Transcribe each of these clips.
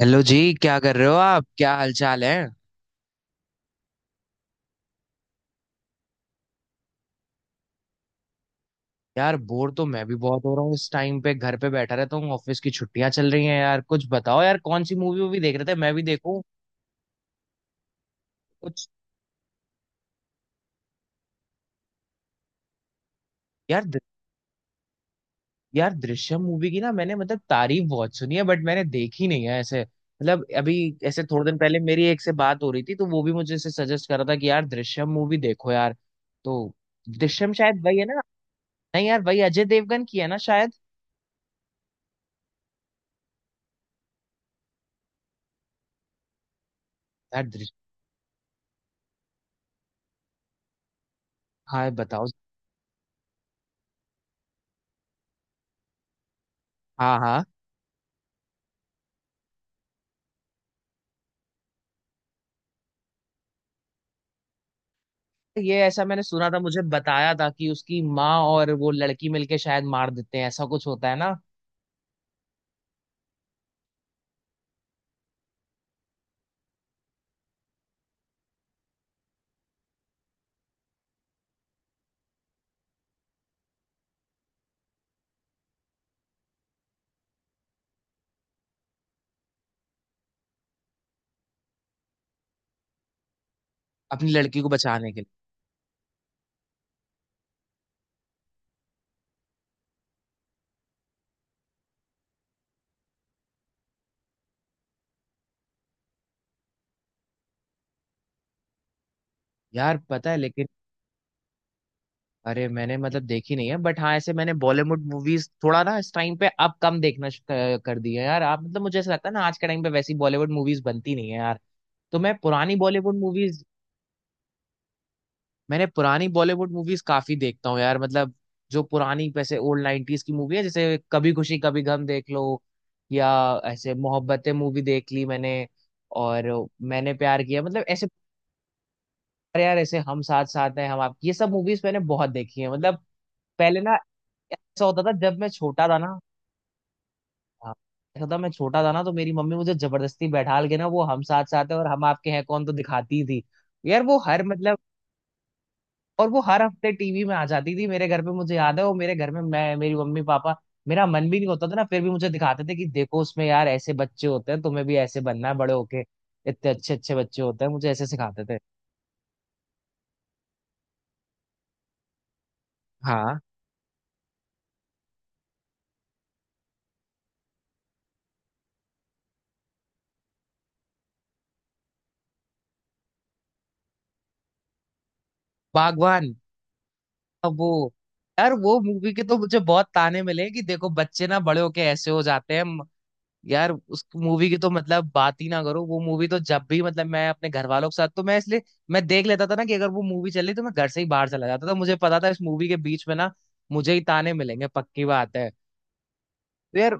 Hello ji, क्या कर रहे हो आप? क्या हालचाल है? यार बोर तो मैं भी बहुत हो रहा हूँ। इस टाइम पे घर पे बैठा रहता हूँ, ऑफिस की छुट्टियां चल रही हैं। यार कुछ बताओ यार, कौन सी मूवी वूवी देख रहे थे, मैं भी देखूं कुछ। यार दृ- यार दृश्यम मूवी की ना, मैंने मतलब तारीफ बहुत सुनी है, बट मैंने देखी नहीं है ऐसे, मतलब अभी ऐसे थोड़े दिन पहले मेरी एक से बात हो रही थी, तो वो भी मुझे ऐसे सजेस्ट कर रहा था कि यार दृश्यम मूवी देखो यार। तो दृश्यम शायद वही है ना? नहीं यार, वही अजय देवगन की है ना शायद। यार दृश्यम। हाँ बताओ। हाँ हाँ, ये ऐसा मैंने सुना था, मुझे बताया था कि उसकी माँ और वो लड़की मिलके शायद मार देते हैं, ऐसा कुछ होता है ना, अपनी लड़की को बचाने के लिए। यार पता है, लेकिन अरे मैंने मतलब देखी नहीं है, बट हाँ ऐसे मैंने बॉलीवुड मूवीज थोड़ा ना इस टाइम पे अब कम देखना कर दी है यार। आप मतलब, मुझे ऐसा लगता है ना, आज के टाइम पे वैसी बॉलीवुड मूवीज बनती नहीं है यार। तो मैं पुरानी बॉलीवुड मूवीज, मैंने पुरानी बॉलीवुड मूवीज काफी देखता हूँ यार। मतलब जो पुरानी, वैसे ओल्ड 90s की मूवी है, जैसे कभी खुशी कभी गम देख लो, या ऐसे मोहब्बतें मूवी देख ली मैंने, और मैंने प्यार किया, मतलब ऐसे अरे यार ऐसे हम साथ साथ हैं, हम आप, ये सब मूवीज मैंने बहुत देखी है। मतलब पहले ना ऐसा होता था जब मैं छोटा था ना। हाँ, ऐसा था, मैं छोटा था ना तो मेरी मम्मी मुझे जबरदस्ती बैठाल के ना वो हम साथ साथ है और हम आपके हैं कौन तो दिखाती थी। यार वो हर मतलब, और वो हर हफ्ते टीवी में आ जाती थी मेरे घर पे। मुझे याद है वो मेरे घर में, मैं, मेरी मम्मी पापा, मेरा मन भी नहीं होता था ना, फिर भी मुझे दिखाते थे कि देखो उसमें यार ऐसे बच्चे होते हैं, तुम्हें भी ऐसे बनना है बड़े होके, इतने अच्छे अच्छे बच्चे होते हैं, मुझे ऐसे सिखाते थे। हाँ बागवान। अब वो, यार वो मूवी के तो मुझे बहुत ताने मिले कि देखो बच्चे ना बड़े होके ऐसे हो जाते हैं। यार उस मूवी की तो मतलब बात ही ना करो। वो मूवी तो जब भी, मतलब मैं अपने घर वालों के साथ, तो मैं इसलिए मैं देख लेता था ना कि अगर वो मूवी चली तो मैं घर से ही बाहर चला जाता था। मुझे पता था इस मूवी के बीच में ना मुझे ही ताने मिलेंगे, पक्की बात है। तो यार,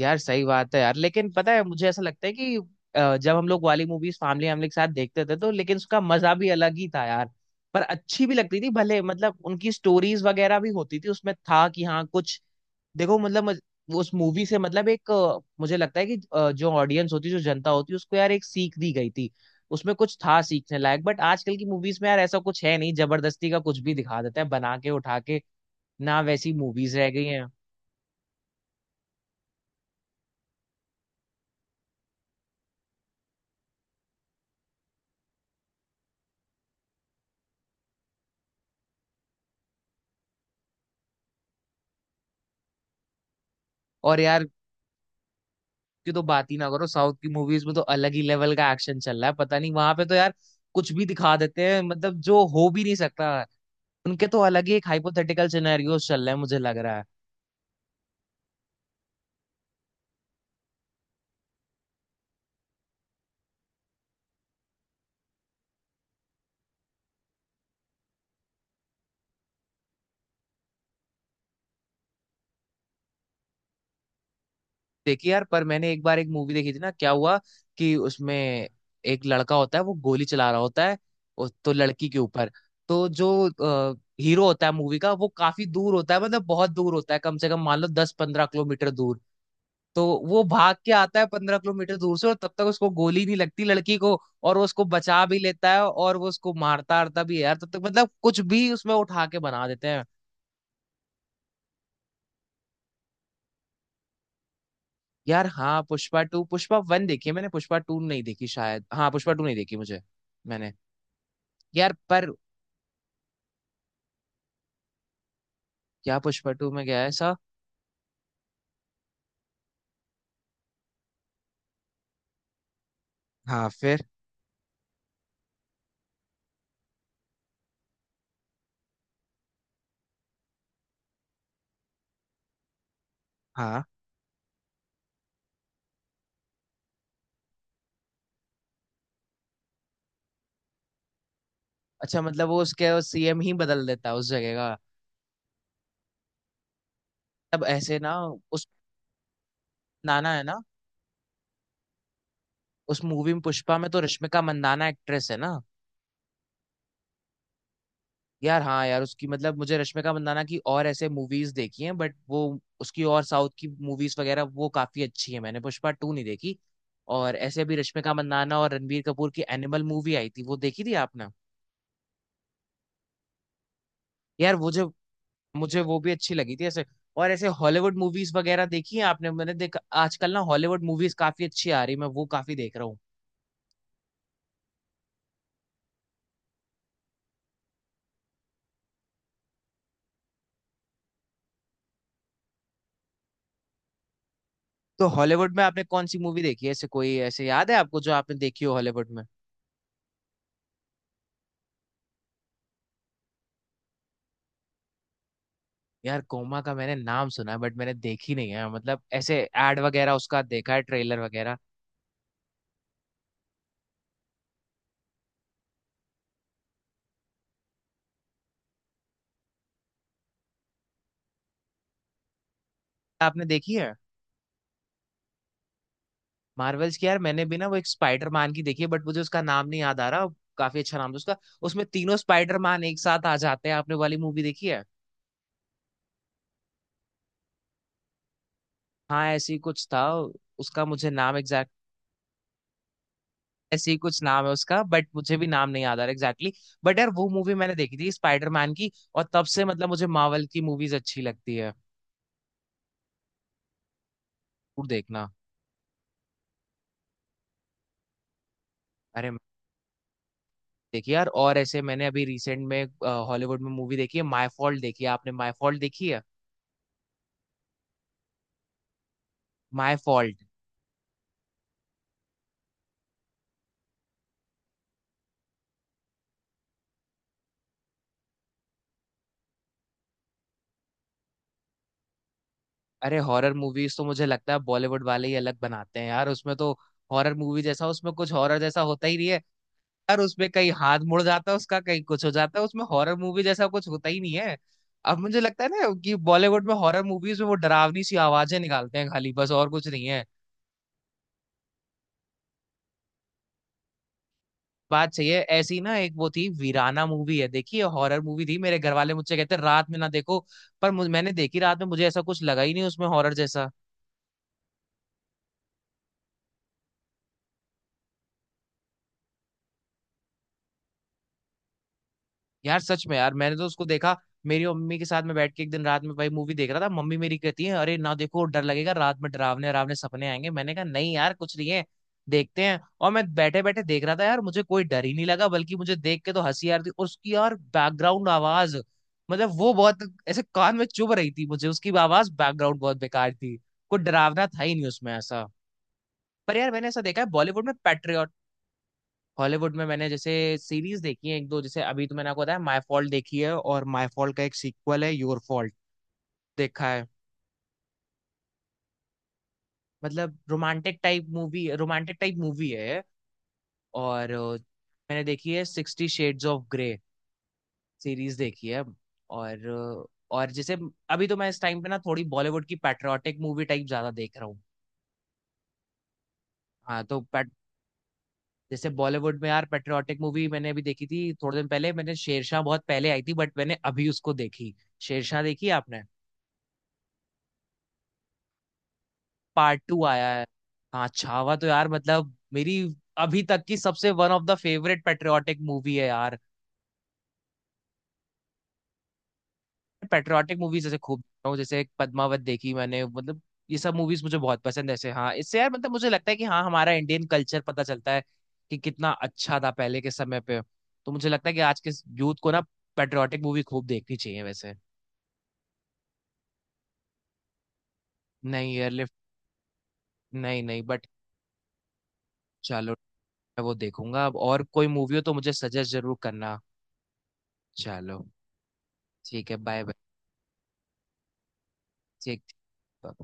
यार सही बात है यार। लेकिन पता है मुझे ऐसा लगता है कि जब हम लोग वाली मूवीज फैमिली वैमिली के साथ देखते थे तो, लेकिन उसका मजा भी अलग ही था यार। पर अच्छी भी लगती थी, भले मतलब उनकी स्टोरीज वगैरह भी होती थी, उसमें था कि हाँ कुछ देखो, वो उस मूवी से मतलब एक मुझे लगता है कि जो ऑडियंस होती है, जो जनता होती है, उसको यार एक सीख दी गई थी। उसमें कुछ था सीखने लायक, बट आजकल की मूवीज में यार ऐसा कुछ है नहीं, जबरदस्ती का कुछ भी दिखा देता है बना के उठा के, ना वैसी मूवीज रह गई हैं। और यार की तो बात ही ना करो, साउथ की मूवीज में तो अलग ही लेवल का एक्शन चल रहा है, पता नहीं वहां पे तो यार कुछ भी दिखा देते हैं, मतलब जो हो भी नहीं सकता। उनके तो अलग ही एक हाइपोथेटिकल सिनेरियोस चल रहे हैं, मुझे लग रहा है। देखी यार, पर मैंने एक बार एक मूवी देखी थी ना, क्या हुआ कि उसमें एक लड़का होता है, वो गोली चला रहा होता है तो लड़की के ऊपर। तो जो हीरो होता है मूवी का, वो काफी दूर होता है, मतलब बहुत दूर होता है, कम से कम मान लो दस पंद्रह किलोमीटर दूर। तो वो भाग के आता है पंद्रह किलोमीटर दूर से, और तब तक उसको गोली नहीं लगती, लड़की को। और वो उसको बचा भी लेता है, और वो उसको मारता आरता भी है यार तब तक। मतलब कुछ भी उसमें उठा के बना देते हैं यार। हाँ पुष्पा टू, पुष्पा वन देखी है मैंने, पुष्पा टू नहीं देखी शायद। हाँ पुष्पा टू नहीं देखी मुझे, मैंने, यार पर क्या पुष्पा टू में गया है ऐसा? हाँ फिर। हाँ अच्छा, मतलब वो उसके सीएम ही बदल देता है उस जगह का? तब ऐसे ना, उस, नाना है ना, उस मूवी में, पुष्पा में तो रश्मिका मंदाना एक्ट्रेस है ना? यार हाँ यार, उसकी मतलब मुझे रश्मिका मंदाना की और ऐसे मूवीज देखी हैं, बट वो उसकी और साउथ की मूवीज वगैरह वो काफी अच्छी है। मैंने पुष्पा टू नहीं देखी। और ऐसे भी रश्मिका मंदाना और रणबीर कपूर की एनिमल मूवी आई थी, वो देखी थी आपने? यार वो जो, मुझे वो भी अच्छी लगी थी ऐसे। और ऐसे हॉलीवुड मूवीज वगैरह देखी है आपने? मैंने देखा आजकल ना हॉलीवुड मूवीज काफी अच्छी आ रही, मैं वो काफी देख रहा हूँ। तो हॉलीवुड में आपने कौन सी मूवी देखी है ऐसे? कोई ऐसे याद है आपको जो आपने देखी हो हॉलीवुड में? यार कोमा का मैंने नाम सुना है, बट मैंने देखी नहीं है। मतलब ऐसे एड वगैरह उसका देखा है, ट्रेलर वगैरह। आपने देखी है? मार्वल्स की यार मैंने भी ना, वो एक स्पाइडर मैन की देखी है बट मुझे उसका नाम नहीं याद आ रहा, काफी अच्छा नाम था उसका। उसमें तीनों स्पाइडर मैन एक साथ आ जाते हैं, आपने वाली मूवी देखी है? हाँ ऐसी कुछ था। उसका मुझे नाम एग्जैक्ट, ऐसे ही कुछ नाम है उसका, बट मुझे भी नाम नहीं याद आ रहा एग्जैक्टली। बट यार वो मूवी मैंने देखी थी स्पाइडर मैन की, और तब से मतलब मुझे मार्वल की मूवीज अच्छी लगती है। जरूर देखना। अरे देखिए यार, और ऐसे मैंने अभी रिसेंट में हॉलीवुड में मूवी देखी है, माय फॉल्ट। देखी है आपने माय फॉल्ट? देखी है माय फॉल्ट? अरे हॉरर मूवीज तो मुझे लगता है बॉलीवुड वाले ही अलग बनाते हैं यार। उसमें तो हॉरर मूवी जैसा, उसमें कुछ हॉरर जैसा होता ही नहीं है। यार उसमें कहीं हाथ मुड़ जाता है उसका, कहीं कुछ हो जाता है, उसमें हॉरर मूवी जैसा कुछ होता ही नहीं है। अब मुझे लगता है ना कि बॉलीवुड में हॉरर मूवीज में वो डरावनी सी आवाजें निकालते हैं खाली, बस और कुछ नहीं है। बात सही है। ऐसी ना एक वो थी वीराना मूवी है, देखिए हॉरर मूवी थी, मेरे घर वाले मुझसे कहते रात में ना देखो, पर मैंने देखी रात में, मुझे ऐसा कुछ लगा ही नहीं उसमें हॉरर जैसा। यार सच में यार, मैंने तो उसको देखा मेरी मम्मी के साथ में बैठ के, एक दिन रात में भाई मूवी देख रहा था, मम्मी मेरी कहती है अरे ना देखो, डर लगेगा रात में, डरावने डरावने सपने आएंगे। मैंने कहा नहीं यार कुछ नहीं है, देखते हैं। और मैं बैठे बैठे देख रहा था यार, मुझे कोई डर ही नहीं लगा, बल्कि मुझे देख के तो हंसी आ रही थी। और उसकी यार बैकग्राउंड आवाज, मतलब वो बहुत ऐसे कान में चुभ रही थी, मुझे उसकी आवाज बैकग्राउंड बहुत बेकार थी। कोई डरावना था ही नहीं उसमें ऐसा। पर यार मैंने ऐसा देखा है बॉलीवुड में, पैट्रियट। हॉलीवुड में मैंने जैसे सीरीज देखी है एक दो, जैसे अभी तो मैंने आपको बताया माय फॉल्ट देखी है, और माय फॉल्ट का एक सीक्वल है योर फॉल्ट, देखा है। मतलब romantic type movie, romantic type movie है। और मैंने देखी है sixty shades of grey series, देखी है। और और जैसे अभी तो मैं इस टाइम पे ना थोड़ी बॉलीवुड की पैट्रियाटिक मूवी टाइप ज्यादा देख रहा हूँ। हाँ तो पैट जैसे बॉलीवुड में यार पैट्रियाटिक मूवी मैंने अभी देखी थी थोड़े दिन पहले, मैंने शेरशाह, बहुत पहले आई थी बट मैंने अभी उसको देखी। शेरशाह देखी है आपने? पार्ट टू आया है। हाँ छावा तो यार मतलब मेरी अभी तक की सबसे one of the favourite patriotic movie है यार। पेट्रियाटिक मूवीज जैसे खूब देखता हूँ, जैसे पद्मावत देखी मैंने, मतलब ये सब मूवीज मुझे बहुत पसंद है ऐसे। हाँ इससे यार मतलब मुझे लगता है कि हाँ हमारा इंडियन कल्चर पता चलता है कि कितना अच्छा था पहले के समय पे। तो मुझे लगता है कि आज के यूथ को ना पेट्रियाटिक मूवी खूब देखनी चाहिए वैसे। नहीं एयरलिफ्ट, नहीं नहीं बट चलो, मैं वो देखूंगा अब। और कोई मूवी हो तो मुझे सजेस्ट जरूर करना। चलो, ठीक है, बाय बाय। ठीक था।